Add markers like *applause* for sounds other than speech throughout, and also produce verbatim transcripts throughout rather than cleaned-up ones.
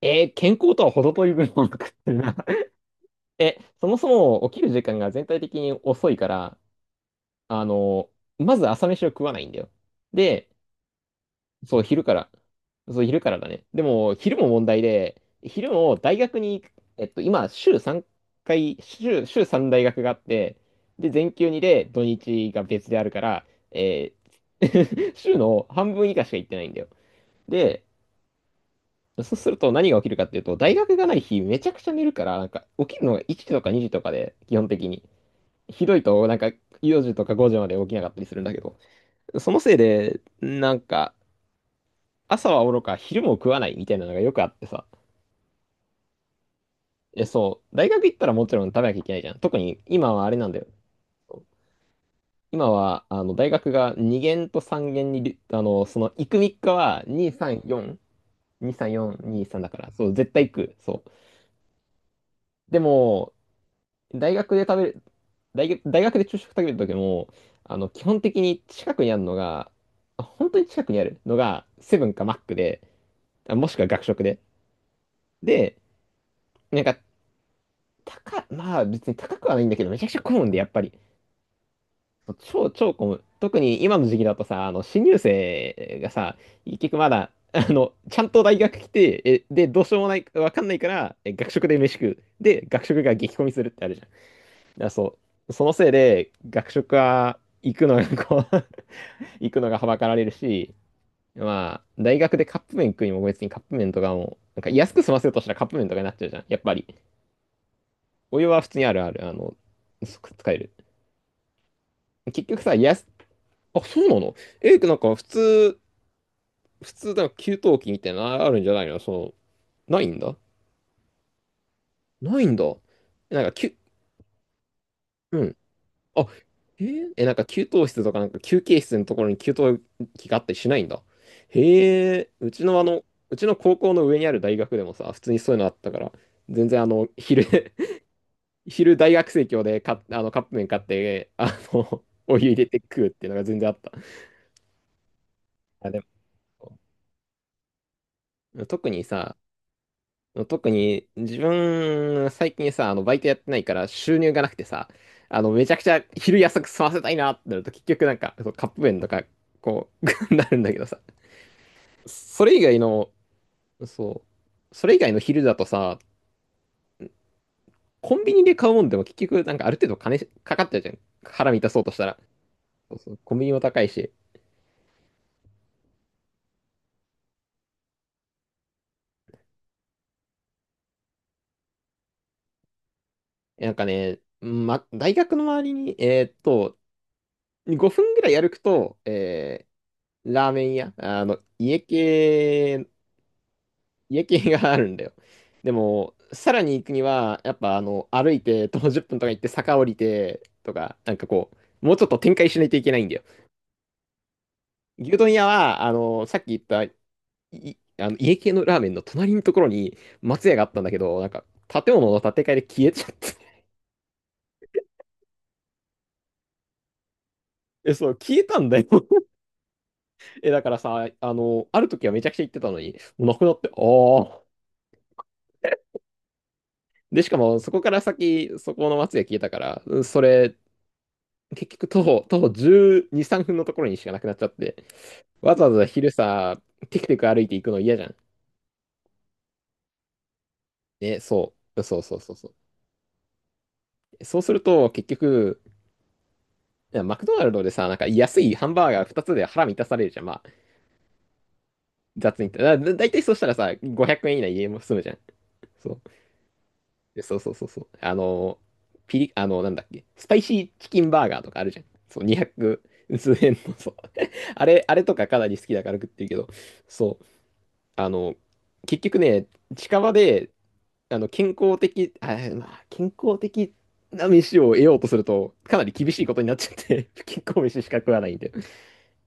えー健康とは程遠い分を食ってるな。 *laughs* え、そもそも起きる時間が全体的に遅いから、あの、まず朝飯を食わないんだよ。で、そう、昼から。そう、昼からだね。でも、昼も問題で、昼も大学に行く、えっと、今、週さんかい、週、週さん大学があって、で、全休にで土日が別であるから、えー *laughs* 週の半分以下しか行ってないんだよ。で、そうすると何が起きるかっていうと、大学がない日めちゃくちゃ寝るから、なんか起きるのがいちじとかにじとかで、基本的に。ひどいと、なんかよじとかごじまで起きなかったりするんだけど、そのせいで、なんか朝はおろか昼も食わないみたいなのがよくあってさ。え、そう、大学行ったらもちろん食べなきゃいけないじゃん。特に今はあれなんだよ。今は、あの、大学がにげん限とさんげん限に、あの、その、行くみっかはに、さん、よん、に、さん、よん、に、さんだから、そう、絶対行く。そう。でも、大学で食べる、大学、大学で昼食食べるときも、あの、基本的に近くにあるのが、あ本当に近くにあるのが、セブンかマックで、あもしくは学食で。で、なんか、高、まあ別に高くはないんだけど、めちゃくちゃ混むんで、やっぱり。超、超混む。特に今の時期だとさ、あの、新入生がさ、結局まだ、あの、ちゃんと大学来て、え、で、どうしようもない、わかんないから、え、学食で飯食う。で、学食が激混みするってあるじゃん。や、そう。そのせいで、学食は行くのが、こう *laughs* 行くのがはばかられるし、まあ、大学でカップ麺食いにも別にカップ麺とかも、なんか安く済ませようとしたらカップ麺とかになっちゃうじゃん。やっぱり。お湯は普通にあるある、あの、す使える。結局さ、安、あ、そうなの？え、なんか普通、普通、なんか給湯器みたいなのあるんじゃないの？その、ないんだ。ないんだ。なんか、きゅ、うん。あ、えー、え、なんか給湯室とかなんか休憩室のところに給湯器があったりしないんだ。へえ、うちのあの、うちの高校の上にある大学でもさ、普通にそういうのあったから、全然あの、昼 *laughs* 昼大学生協でか、あの、カップ麺買って、あの、お湯入れて食うっていうのが全然あった。あ、でも、特にさ、特に自分、最近さ、あの、バイトやってないから収入がなくてさ、あの、めちゃくちゃ昼安く済ませたいなってなると結局なんか、そうカップ麺とか、こう、*laughs* なるんだけどさ、それ以外の、そう、それ以外の昼だとさ、コンビニで買うもんでも結局なんかある程度金かかっちゃうじゃん。腹満たそうとしたら。そうそう、コンビニも高いし。なんかね、ま、大学の周りに、えーっと、ごふんぐらい歩くと、えーラーメン屋、あの、家系家系があるんだよ。でも、さらに行くには、やっぱあの、歩いて徒歩じゅっぷんとか行って坂降りてとか、なんかこう、もうちょっと展開しないといけないんだよ。牛丼屋は、あの、さっき言った、い、あの、家系のラーメンの隣のところに松屋があったんだけど、なんか、建物の建て替えで消えちゃって。*laughs* え、そう、消えたんだよ。*laughs* え、だからさ、あの、ある時はめちゃくちゃ行ってたのに、もうなくなって、ああ。で、しかも、そこから先、そこの松屋消えたから、それ、結局徒歩、徒歩じゅうに、さんぷんのところにしかなくなっちゃって、わざわざ昼さ、テクテク歩いていくの嫌じゃん。ね、そう。そうそうそうそう。そうすると、結局、いやマクドナルドでさ、なんか安いハンバーガーふたつで腹満たされるじゃん。まあ、雑に言ったら。だ、だいたいそうしたらさ、ごひゃくえん以内家も済むじゃん。そう。でそうそうそうそう。あの、ピリ、あの、なんだっけ、スパイシーチキンバーガーとかあるじゃん。そう、にひゃく数円の、そう。*laughs* あれ、あれとかかなり好きだから食ってるけど、そう。あの、結局ね、近場で、あの、健康的、あ、まあ、健康的な飯を得ようとすると、かなり厳しいことになっちゃって、*laughs* 不健康飯しか食わないんで。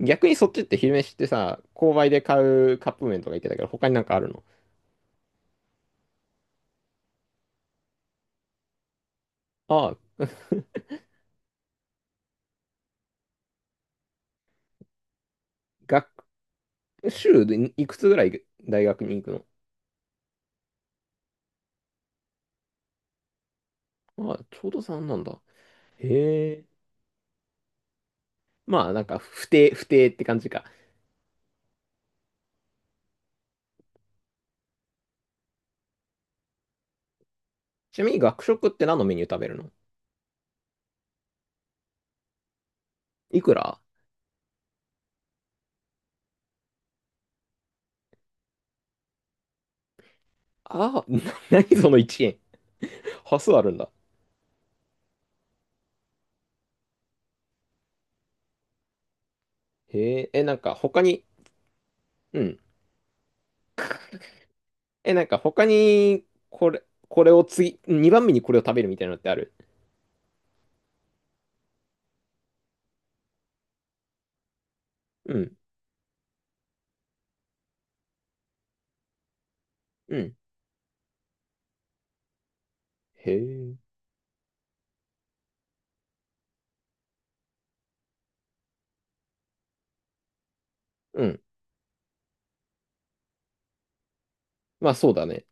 逆にそっちって昼飯ってさ、購買で買うカップ麺とか言ってたけど、他になんかあるの？ああ、*laughs* 学、週でいくつぐらい大学に行くの？ああ、ちょうどさんなんだ。へえ。まあ、なんか、不定、不定って感じか。ちなみに学食って何のメニュー食べるの？いくら？ああ、*laughs* な何そのいちえん？端数あるんだ。へえ、え、なんか他に、うん。え、なんか他に、これ、これを次、にばんめにこれを食べるみたいなのってある？うん、うん。へえ、うん。まあそうだね。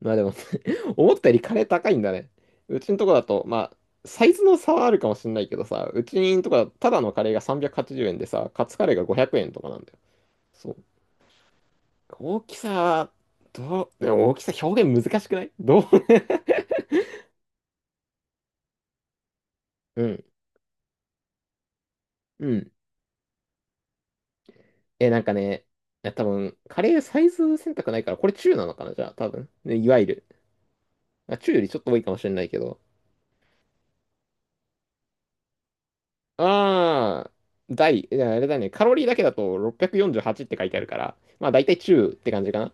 まあでも *laughs* 思ったよりカレー高いんだね。うちのとこだと、まあ、サイズの差はあるかもしれないけどさ、うちのとこだとただのカレーがさんびゃくはちじゅうえんでさ、カツカレーがごひゃくえんとかなんだよ。そう。大きさ、どう、でも大きさ表現難しくない？どう？ *laughs* うん、うん。え、なんかね、いや多分、カレーサイズ選択ないから、これ中なのかな？じゃあ、多分。ね、いわゆる。あ、中よりちょっと多いかもしれないけど。あー、大、いやあれだね、カロリーだけだとろっぴゃくよんじゅうはちっぴゃくよんじゅうはちって書いてあるから、まあ大体中って感じかな。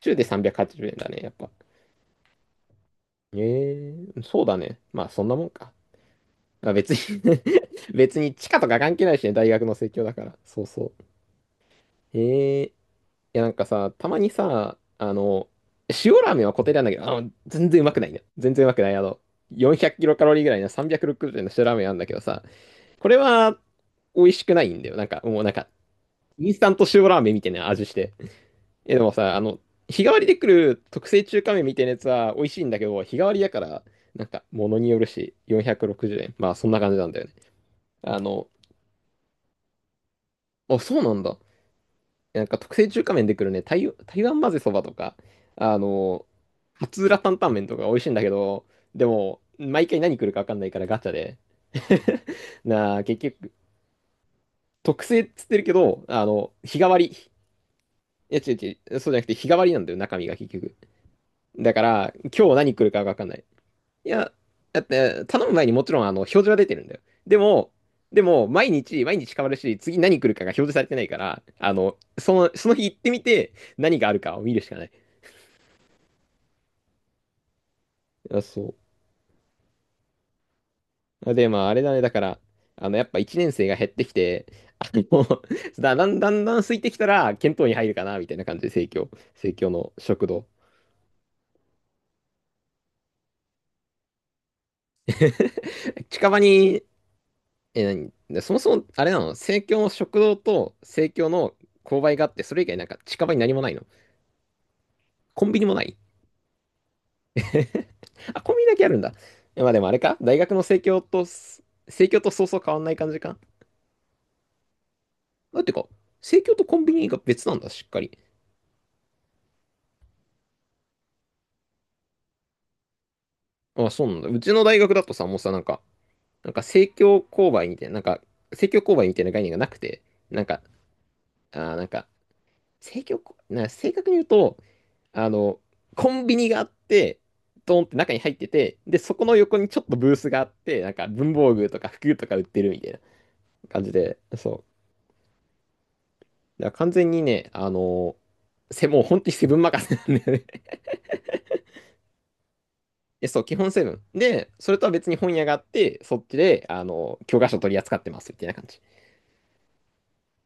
中でさんびゃくはちじゅうえんだね、やっぱ。えー、そうだね。まあそんなもんか。まあ、別に *laughs* 別に地価とか関係ないしね、大学の生協だから。そうそう。えーいや、なんかさ、たまにさ、あの、塩ラーメンは固定なんだけど、あの、全然うまくないね。全然うまくない。あの、よんひゃくキロカロリーぐらいのさんびゃくろくじゅうえんの塩ラーメンあるんだけどさ、これは美味しくないんだよ。なんか、もうなんか、インスタント塩ラーメンみたいな味して。え、でもさ、あの、日替わりで来る特製中華麺みたいなやつは美味しいんだけど、日替わりだから、なんか、物によるし、よんひゃくろくじゅうえん。まあ、そんな感じなんだよね。あの、あ、そうなんだ。なんか特製中華麺で来るね、台、台湾混ぜそばとか、あの、松浦担々麺とか美味しいんだけど、でも、毎回何来るか分かんないからガチャで。*laughs* なあ、結局、特製っつってるけど、あの、日替わり。いや、違う違う、そうじゃなくて日替わりなんだよ、中身が結局。だから、今日何来るか分かんない。いや、だって、頼む前にもちろん、あの、表示は出てるんだよ。でも、でも、毎日、毎日変わるし、次何来るかが表示されてないから、あの、その、その日行ってみて、何があるかを見るしかない。あ、そう。あで、まあ、あれだね。だから、あの、やっぱいちねん生が減ってきて、あの、*laughs* だ、だんだんだん空いてきたら、検討に入るかな、みたいな感じで、生協、生協の食堂。*laughs* 近場に、え、何でそもそも、あれなの？生協の食堂と生協の購買があって、それ以外なんか近場に何もないの？コンビニもない？ *laughs* あ、コンビニだけあるんだ。えまあでもあれか大学の生協と、生協とそうそう変わんない感じか。だってか、生協とコンビニが別なんだ、しっかり。あ、そうなんだ。うちの大学だとさ、もうさ、なんか、なんか、正教勾配みたいな、なんか、正教勾配みたいな概念がなくて、なんか、あー、なんか、正教こ、な、正確に言うと、あの、コンビニがあって、ドーンって中に入ってて、で、そこの横にちょっとブースがあって、なんか文房具とか服とか売ってるみたいな感じで、そう。だから完全にね、あの、せ、もう本当にセブン任せなんだよね。え、そう、基本セブン。で、それとは別に本屋があって、そっちで、あの、教科書取り扱ってますみたいな感じ。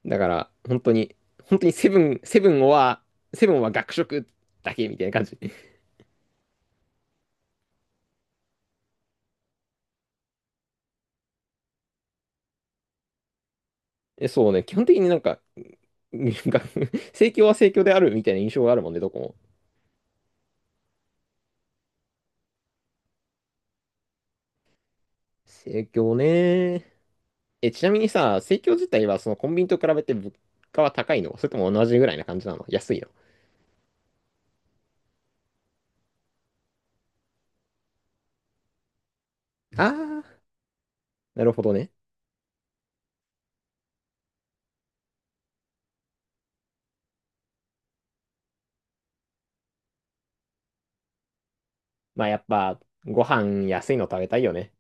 だから、本当に、本当にセブン、セブンは、セブンは学食だけみたいな感じ。*laughs* え、そうね、基本的になんか、*laughs* なんか *laughs* 盛況は盛況であるみたいな印象があるもんね、どこも。盛況ね。え、ちなみにさ、盛況自体はそのコンビニと比べて物価は高いの？それとも同じぐらいな感じなの？安いの？あー、なるほどね。まあやっぱ、ご飯安いの食べたいよね。